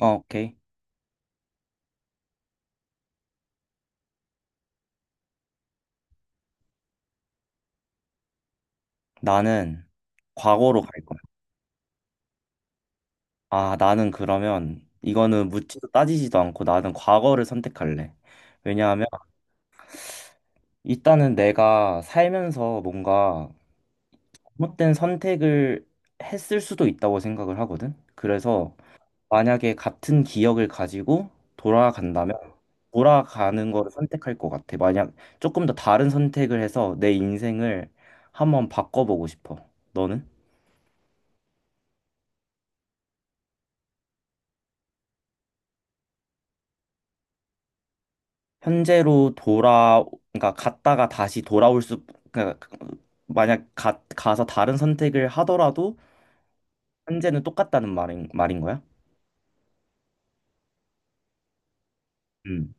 어, 오케이. 나는 과거로 갈 거야. 아, 나는 그러면 이거는 묻지도 따지지도 않고 나는 과거를 선택할래. 왜냐하면 일단은 내가 살면서 뭔가 잘못된 선택을 했을 수도 있다고 생각을 하거든. 그래서 만약에 같은 기억을 가지고 돌아간다면 돌아가는 거를 선택할 것 같아. 만약 조금 더 다른 선택을 해서 내 인생을 한번 바꿔보고 싶어. 너는? 현재로 돌아, 그러니까 갔다가 다시 돌아올 수, 그러니까 만약 가서 다른 선택을 하더라도 현재는 똑같다는 말인 거야? 음.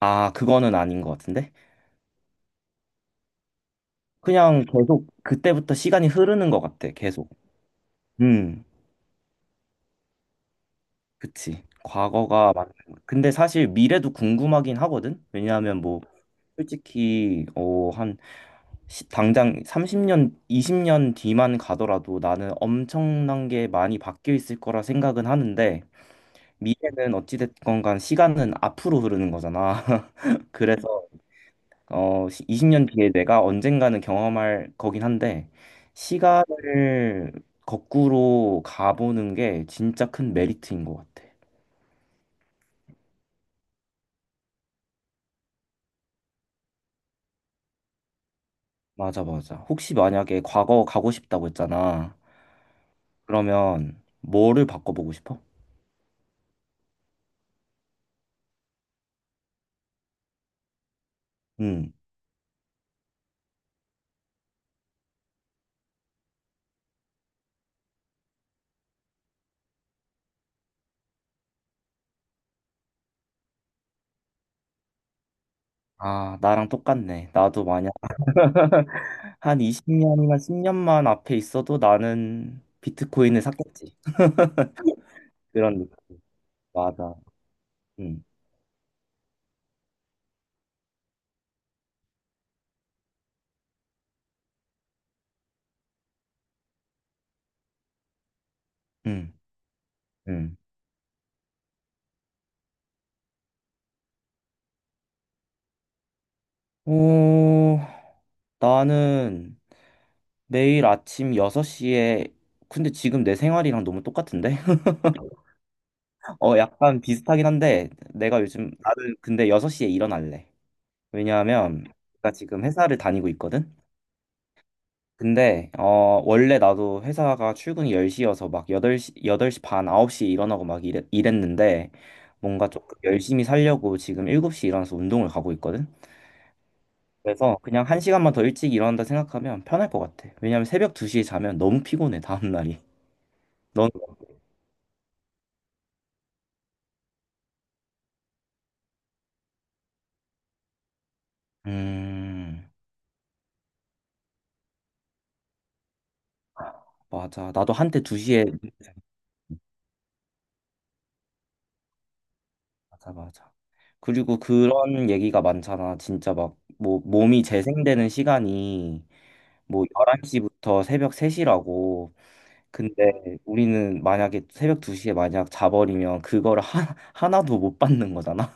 아, 그거는 아닌 것 같은데? 그냥 계속 그때부터 시간이 흐르는 것 같아, 계속. 음, 그치. 과거가 맞는 거. 근데 사실 미래도 궁금하긴 하거든? 왜냐하면 뭐, 솔직히, 당장 30년, 20년 뒤만 가더라도 나는 엄청난 게 많이 바뀌어 있을 거라 생각은 하는데 미래는 어찌됐건 간 시간은 앞으로 흐르는 거잖아. 그래서 20년 뒤에 내가 언젠가는 경험할 거긴 한데 시간을 거꾸로 가보는 게 진짜 큰 메리트인 것 같아. 맞아, 맞아. 혹시 만약에 과거 가고 싶다고 했잖아. 그러면 뭐를 바꿔보고 싶어? 음. 아, 나랑 똑같네. 나도 만약 한 20년이나 10년만 앞에 있어도 나는 비트코인을 샀겠지. 그런 느낌. 맞아. 응, 응, 응. 어, 나는 매일 아침 6시에, 근데 지금 내 생활이랑 너무 똑같은데? 어, 약간 비슷하긴 한데, 내가 요즘, 나는 근데 6시에 일어날래. 왜냐하면, 내가 지금 회사를 다니고 있거든? 근데 원래 나도 회사가 출근이 10시여서 막 8시 여덟 시반 9시에 일어나고 막 이랬는데 뭔가 조금 열심히 살려고 지금 7시에 일어나서 운동을 가고 있거든. 그래서 그냥 한시간만더 일찍 일어난다 생각하면 편할 것 같아. 왜냐면 새벽 2시에 자면 너무 피곤해 다음 날이. 넌 음. 맞아. 나도 한때 2시에. 맞아, 맞아. 그리고 그런 얘기가 많잖아. 진짜 막 뭐 몸이 재생되는 시간이 뭐 11시부터 새벽 3시라고. 근데 우리는 만약에 새벽 2시에 만약 자버리면 그거를 하나도 못 받는 거잖아.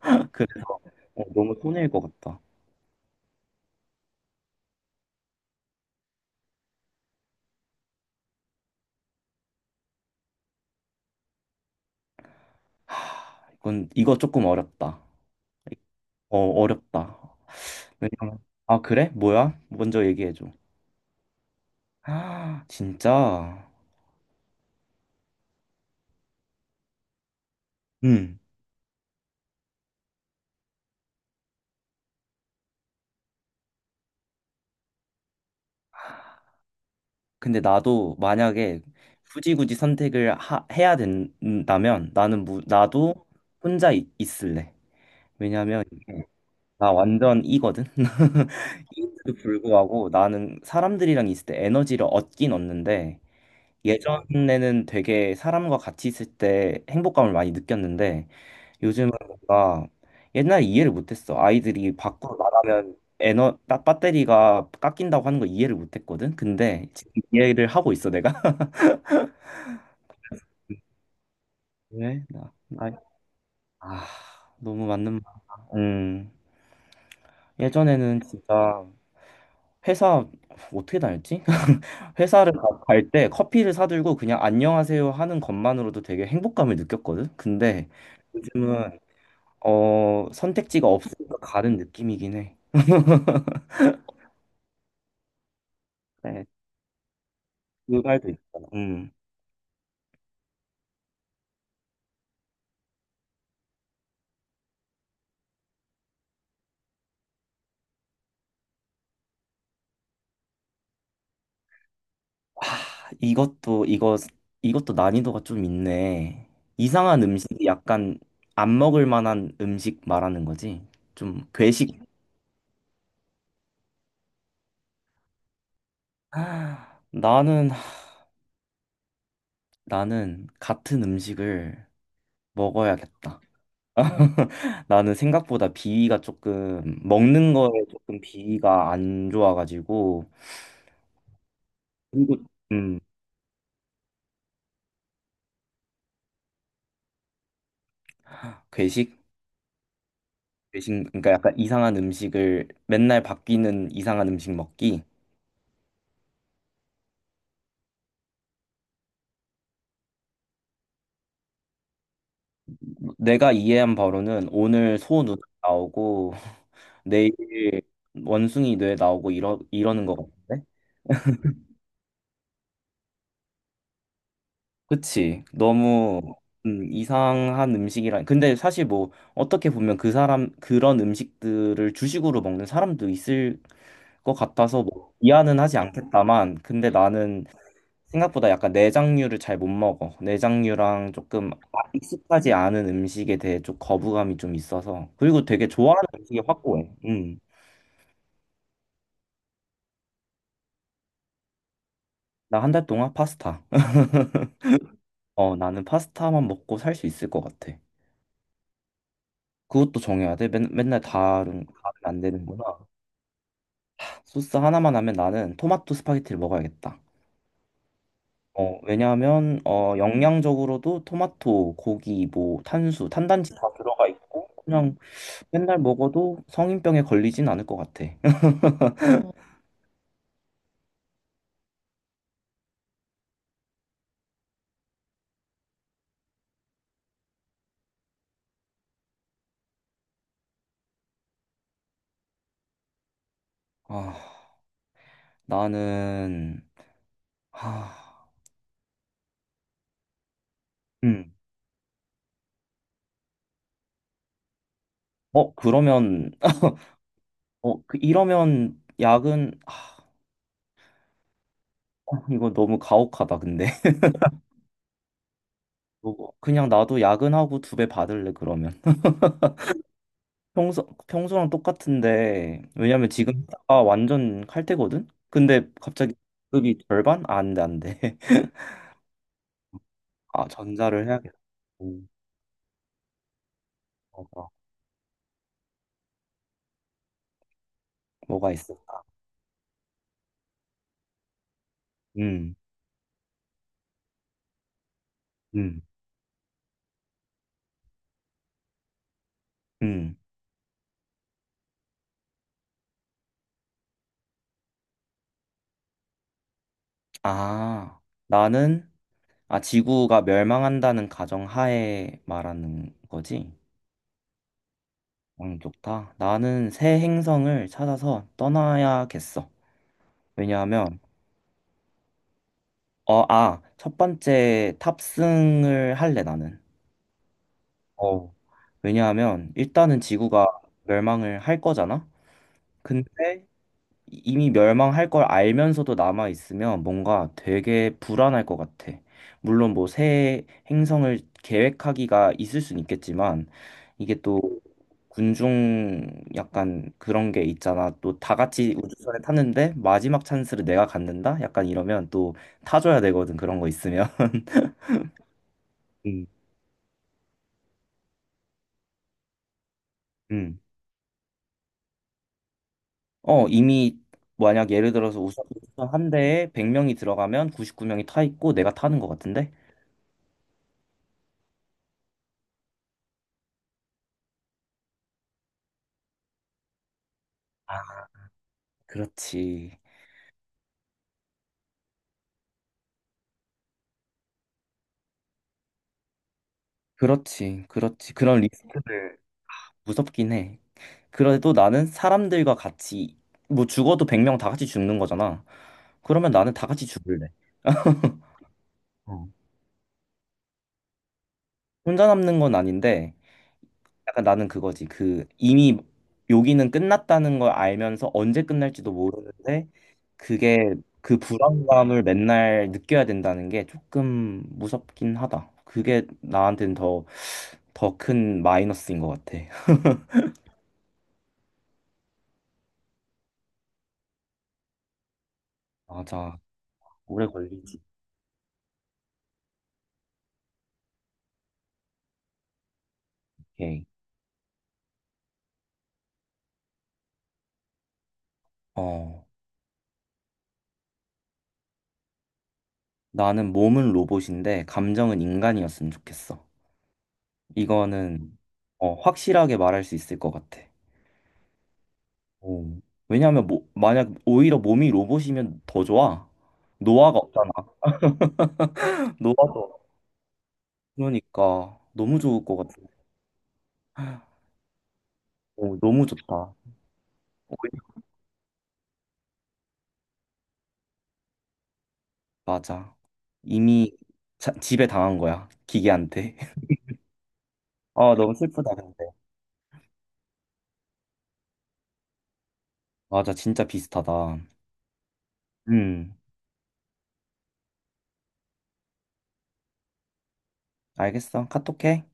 그래서 너무 손해일 것 같다. 하, 이건 이거 조금 어렵다. 어, 어렵다. 왜냐면. 아, 그래? 뭐야? 먼저 얘기해 줘. 아, 진짜. 음. 근데 나도 만약에 굳이 굳이 선택을 해야 된다면 나는 나도 혼자 있을래. 왜냐면 이게 나 완전 이거든. 그 불구하고 나는 사람들이랑 있을 때 에너지를 얻긴 얻는데 예전에는 되게 사람과 같이 있을 때 행복감을 많이 느꼈는데 요즘은 뭔가 옛날에 이해를 못했어. 아이들이 밖으로 나가면 에너 딱 배터리가 깎인다고 하는 걸 이해를 못했거든. 근데 지금 이해를 하고 있어 내가. 왜? 나, 아 너무 맞는 말. 음 예전에는 진짜 회사 어떻게 다녔지? 회사를 갈 때 커피를 사들고 그냥 안녕하세요 하는 것만으로도 되게 행복감을 느꼈거든. 근데 요즘은 선택지가 없으니까 가는 느낌이긴 해. 네, 그 말도 있잖아. 이것도 이거 이것도 난이도가 좀 있네. 이상한 음식이 약간 안 먹을 만한 음식 말하는 거지. 좀 괴식. 아, 나는 같은 음식을 먹어야겠다. 나는 생각보다 비위가 조금 먹는 거에 조금 비위가 안 좋아가지고. 그리고 음 괴식 괴식 그러니까 약간 이상한 음식을 맨날 바뀌는 이상한 음식 먹기. 내가 이해한 바로는 오늘 소 눈 나오고 내일 원숭이 뇌 나오고 이러는 것 같은데. 그치. 너무 이상한 음식이라. 근데 사실 뭐 어떻게 보면 그 사람 그런 음식들을 주식으로 먹는 사람도 있을 것 같아서 뭐 이해는 하지 않겠다만, 근데 나는 생각보다 약간 내장류를 잘 못 먹어. 내장류랑 조금 익숙하지 않은 음식에 대해 좀 거부감이 좀 있어서. 그리고 되게 좋아하는 음식이 확고해. 음. 나 한 달 동안 파스타. 어, 나는 파스타만 먹고 살 수 있을 것 같아. 그것도 정해야 돼. 맨날 다른. 안 되는구나. 소스 하나만 하면 나는 토마토 스파게티를 먹어야겠다. 어, 왜냐하면 영양적으로도 토마토, 고기, 뭐 탄단지 다 들어가 있고 그냥 맨날 먹어도 성인병에 걸리진 않을 것 같아. 아, 나는. 아, 음. 어, 그러면. 어, 이러면 야근 아, 이거 너무 가혹하다 근데. 그거 그냥 나도 야근하고 두 배 받을래 그러면. 평소랑 똑같은데, 왜냐면 지금 아다 완전 칼퇴거든? 근데 갑자기 급이 절반? 아, 안 돼, 안 돼. 아, 전자를 해야겠다. 음, 맞아. 뭐가 있을까? 음, 음, 음. 아, 나는. 아, 지구가 멸망한다는 가정하에 말하는 거지? 좋다. 나는 새 행성을 찾아서 떠나야겠어. 왜냐하면, 아, 첫 번째 탑승을 할래, 나는. 어, 왜냐하면 일단은 지구가 멸망을 할 거잖아? 근데 이미 멸망할 걸 알면서도 남아 있으면 뭔가 되게 불안할 것 같아. 물론 뭐 새 행성을 계획하기가 있을 순 있겠지만 이게 또 군중 약간 그런 게 있잖아. 또 다 같이 우주선에 탔는데 마지막 찬스를 내가 갖는다? 약간 이러면 또 타줘야 되거든. 그런 거 있으면. 음. 음. 어, 이미 만약 예를 들어서 우선 한 대에 100명이 들어가면 99명이 타 있고 내가 타는 것 같은데? 아, 그렇지. 그렇지. 그렇지. 그런 리스크들 무섭긴 해. 그래도 나는 사람들과 같이 뭐 죽어도 100명 다 같이 죽는 거잖아. 그러면 나는 다 같이 죽을래. 어. 혼자 남는 건 아닌데 약간 나는 그거지. 그 이미 여기는 끝났다는 걸 알면서 언제 끝날지도 모르는데 그게 그 불안감을 맨날 느껴야 된다는 게 조금 무섭긴 하다. 그게 나한테는 더, 큰 마이너스인 것 같아. 맞아. 오래 걸리지. 오케이. 어, 나는 몸은 로봇인데 감정은 인간이었으면 좋겠어. 이거는 확실하게 말할 수 있을 것 같아. 오. 왜냐하면 뭐, 만약 오히려 몸이 로봇이면 더 좋아. 노화가 없잖아. 노화도. 그러니까 너무 좋을 것 같아. 오, 너무 좋다. 맞아. 이미 지배 당한 거야. 기계한테. 아, 너무 슬프다, 근데. 맞아, 진짜 비슷하다. 음, 알겠어. 카톡해.